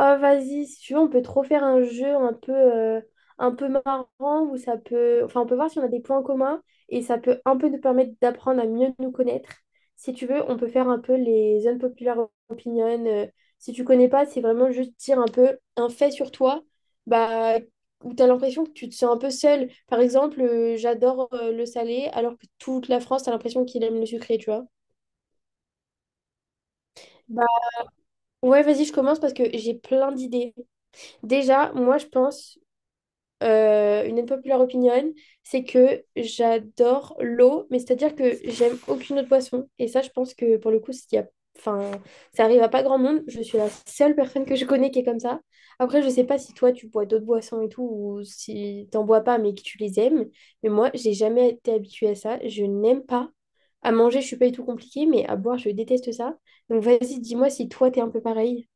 Oh, vas-y, si tu veux, on peut trop faire un jeu un peu marrant où ça peut… Enfin, on peut voir si on a des points communs et ça peut un peu nous permettre d'apprendre à mieux nous connaître. Si tu veux, on peut faire un peu les unpopular opinions. Si tu connais pas, c'est vraiment juste dire un peu un fait sur toi bah, où tu as l'impression que tu te sens un peu seul. Par exemple, j'adore le salé alors que toute la France, tu as l'impression qu'il aime le sucré, tu vois. Bah, ouais, vas-y, je commence parce que j'ai plein d'idées. Déjà, moi, je pense… une unpopular opinion, c'est que j'adore l'eau, mais c'est-à-dire que j'aime aucune autre boisson. Et ça, je pense que pour le coup, s'il y a… enfin, ça arrive à pas grand monde. Je suis la seule personne que je connais qui est comme ça. Après, je sais pas si toi, tu bois d'autres boissons et tout, ou si t'en bois pas, mais que tu les aimes. Mais moi, j'ai jamais été habituée à ça. Je n'aime pas. À manger, je suis pas du tout compliquée, mais à boire, je déteste ça. Donc vas-y, dis-moi si toi, t'es un peu pareil.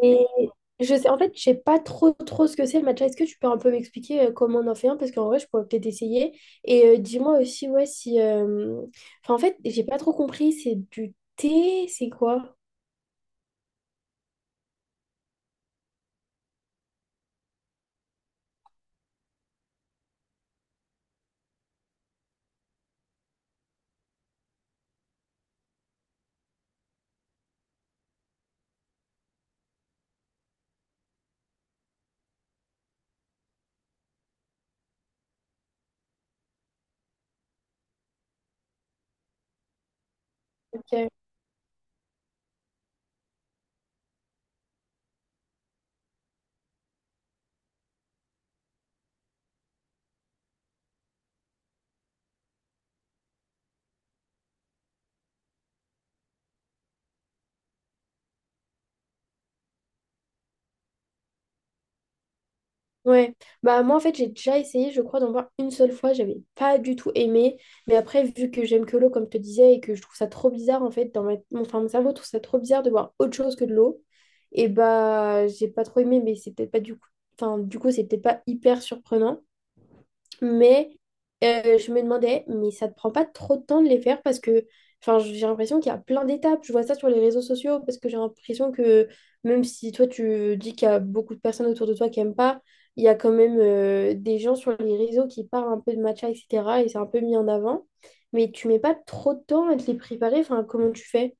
Ouais. Je sais, en fait, je sais pas trop trop ce que c'est le matcha. Est-ce que tu peux un peu m'expliquer comment on en fait un? Parce qu'en vrai, je pourrais peut-être essayer. Et dis-moi aussi, ouais, si. Enfin, en fait, j'ai pas trop compris. C'est du thé, c'est quoi? Ok. Ouais. Bah, moi, en fait, j'ai déjà essayé, je crois, d'en boire une seule fois. J'avais pas du tout aimé. Mais après, vu que j'aime que l'eau, comme je te disais, et que je trouve ça trop bizarre, en fait, dans ma… enfin, mon cerveau trouve ça trop bizarre de boire autre chose que de l'eau. Et bah, j'ai pas trop aimé, mais c'est peut-être pas du coup. Enfin, du coup, c'est peut-être pas hyper surprenant. Mais je me demandais, mais ça te prend pas trop de temps de les faire parce que enfin, j'ai l'impression qu'il y a plein d'étapes. Je vois ça sur les réseaux sociaux parce que j'ai l'impression que même si toi tu dis qu'il y a beaucoup de personnes autour de toi qui aiment pas, il y a quand même des gens sur les réseaux qui parlent un peu de matcha, etc. Et c'est un peu mis en avant. Mais tu mets pas trop de temps à te les préparer. Enfin, comment tu fais?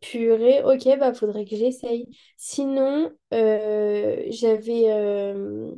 Purée, ok, bah faudrait que j'essaye. Sinon, j'avais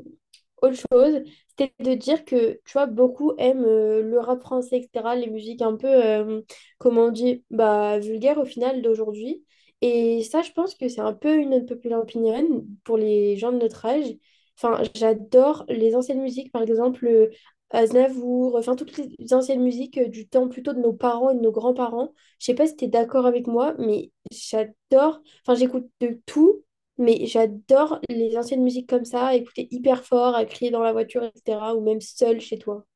autre chose, c'était de dire que, tu vois, beaucoup aiment le rap français, etc., les musiques un peu, comment on dit, bah, vulgaires au final d'aujourd'hui. Et ça, je pense que c'est un peu une unpopular opinion pour les gens de notre âge. Enfin, j'adore les anciennes musiques, par exemple Aznavour, enfin toutes les anciennes musiques du temps plutôt de nos parents et de nos grands-parents. Je sais pas si t'es d'accord avec moi, mais j'adore, enfin j'écoute de tout. Mais j'adore les anciennes musiques comme ça, écouter hyper fort, à crier dans la voiture, etc. Ou même seul chez toi.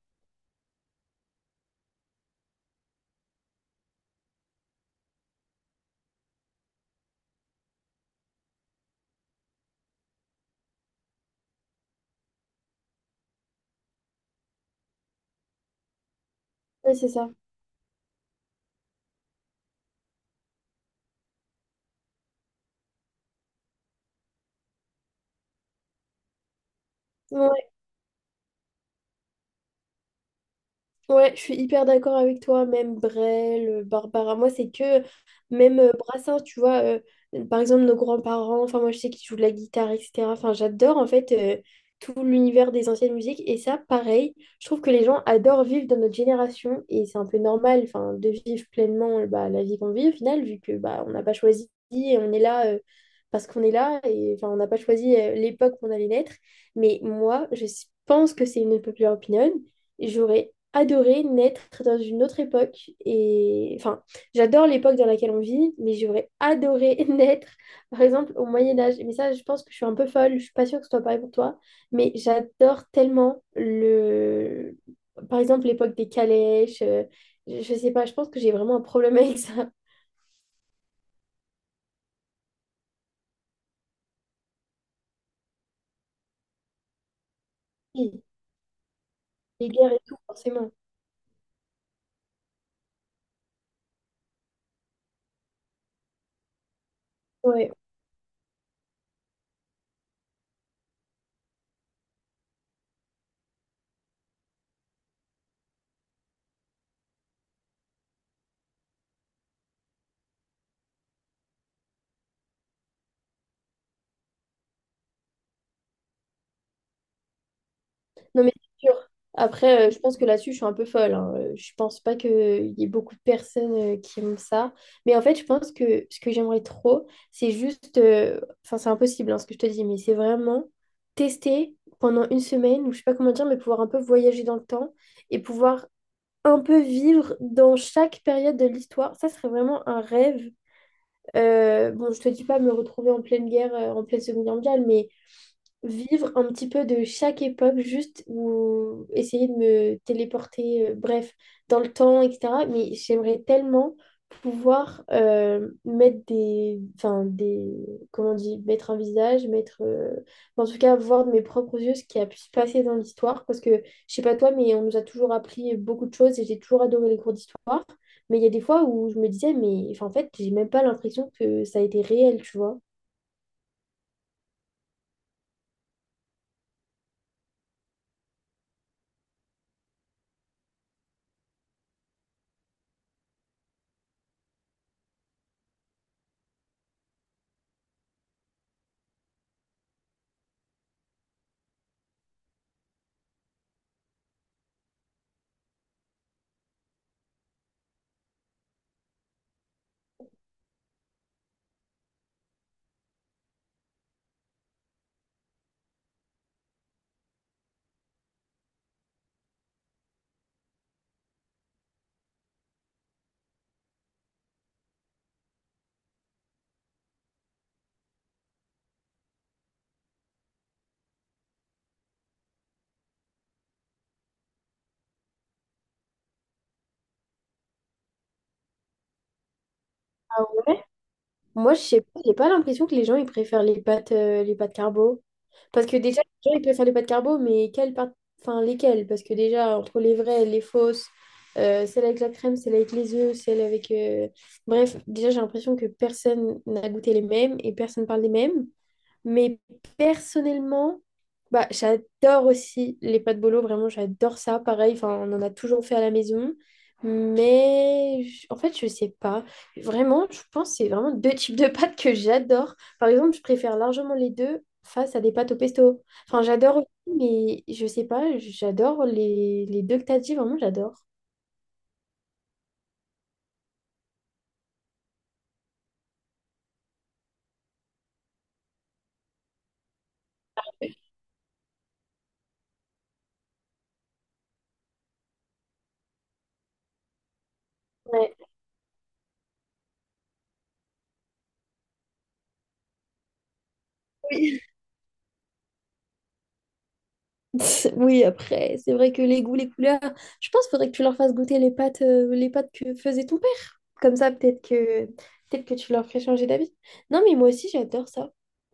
Ouais, c'est ça. Ouais, Ouais, je suis hyper d'accord avec toi, même Brel, Barbara. Moi, c'est que même Brassens, tu vois, par exemple, nos grands-parents, enfin, moi, je sais qu'ils jouent de la guitare, etc. Enfin, j'adore en fait tout l'univers des anciennes musiques. Et ça, pareil, je trouve que les gens adorent vivre dans notre génération et c'est un peu normal, enfin, de vivre pleinement bah, la vie qu'on vit au final, vu que bah, on n'a pas choisi et on est là parce qu'on est là et enfin, on n'a pas choisi l'époque où on allait naître. Mais moi, je pense que c'est une popular opinion. J'aurais adoré naître dans une autre époque et enfin j'adore l'époque dans laquelle on vit mais j'aurais adoré naître par exemple au Moyen Âge mais ça je pense que je suis un peu folle, je suis pas sûre que ce soit pareil pour toi mais j'adore tellement le par exemple l'époque des calèches, je sais pas, je pense que j'ai vraiment un problème avec ça. Oui, les guerres et tout forcément. Ouais. Non, mais c'est sûr. Après, je pense que là-dessus, je suis un peu folle, hein. Je pense pas qu'il y ait beaucoup de personnes qui aiment ça. Mais en fait, je pense que ce que j'aimerais trop, c'est juste. Enfin, c'est impossible hein, ce que je te dis, mais c'est vraiment tester pendant une semaine, ou je sais pas comment dire, mais pouvoir un peu voyager dans le temps et pouvoir un peu vivre dans chaque période de l'histoire. Ça serait vraiment un rêve. Bon, je te dis pas me retrouver en pleine guerre, en pleine Seconde Guerre mondiale, mais vivre un petit peu de chaque époque, juste ou essayer de me téléporter, bref, dans le temps, etc. Mais j'aimerais tellement pouvoir mettre des, enfin des, comment on dit, mettre un visage, mettre, en tout cas voir de mes propres yeux ce qui a pu se passer dans l'histoire, parce que je sais pas toi, mais on nous a toujours appris beaucoup de choses et j'ai toujours adoré les cours d'histoire. Mais il y a des fois où je me disais, mais enfin, en fait, j'ai même pas l'impression que ça a été réel, tu vois. Moi, je sais pas, j'ai pas l'impression que les gens ils préfèrent les pâtes carbo. Parce que déjà, les gens ils préfèrent les pâtes carbo, mais quelles pâtes, enfin lesquelles? Parce que déjà, entre les vraies, les fausses, celles avec la crème, celles avec les œufs, celles avec. Bref, déjà, j'ai l'impression que personne n'a goûté les mêmes et personne parle des mêmes. Mais personnellement, bah, j'adore aussi les pâtes bolo, vraiment, j'adore ça. Pareil, enfin, on en a toujours fait à la maison. Mais en fait, je sais pas. Vraiment, je pense que c'est vraiment deux types de pâtes que j'adore. Par exemple, je préfère largement les deux face à des pâtes au pesto. Enfin, j'adore aussi, mais je sais pas, j'adore les deux que t'as dit, vraiment, j'adore. Ouais. Oui, après, c'est vrai que les goûts, les couleurs, je pense qu'il faudrait que tu leur fasses goûter les pâtes que faisait ton père. Comme ça, peut-être que tu leur ferais changer d'avis. Non, mais moi aussi, j'adore ça.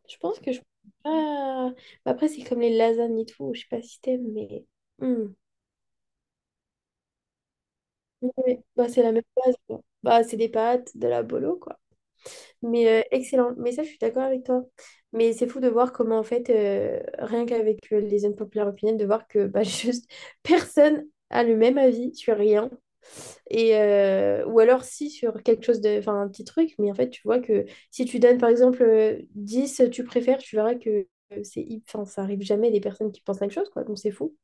Je pense que je… Ah. Bah, après, c'est comme les lasagnes et tout. Je sais pas si t'aimes, mais… Hmm. Ouais. Bah, c'est la même base, quoi. Bah, c'est des pâtes, de la bolo, quoi. Mais excellent. Mais ça, je suis d'accord avec toi. Mais c'est fou de voir comment, en fait, rien qu'avec les unpopular opinions, de voir que bah, juste personne a le même avis sur rien. Et, ou alors, si, sur quelque chose de… Enfin, un petit truc. Mais en fait, tu vois que si tu donnes, par exemple, 10, tu préfères, tu verras que c'est… Enfin, ça arrive jamais des personnes qui pensent la même chose, quoi. Donc, c'est fou.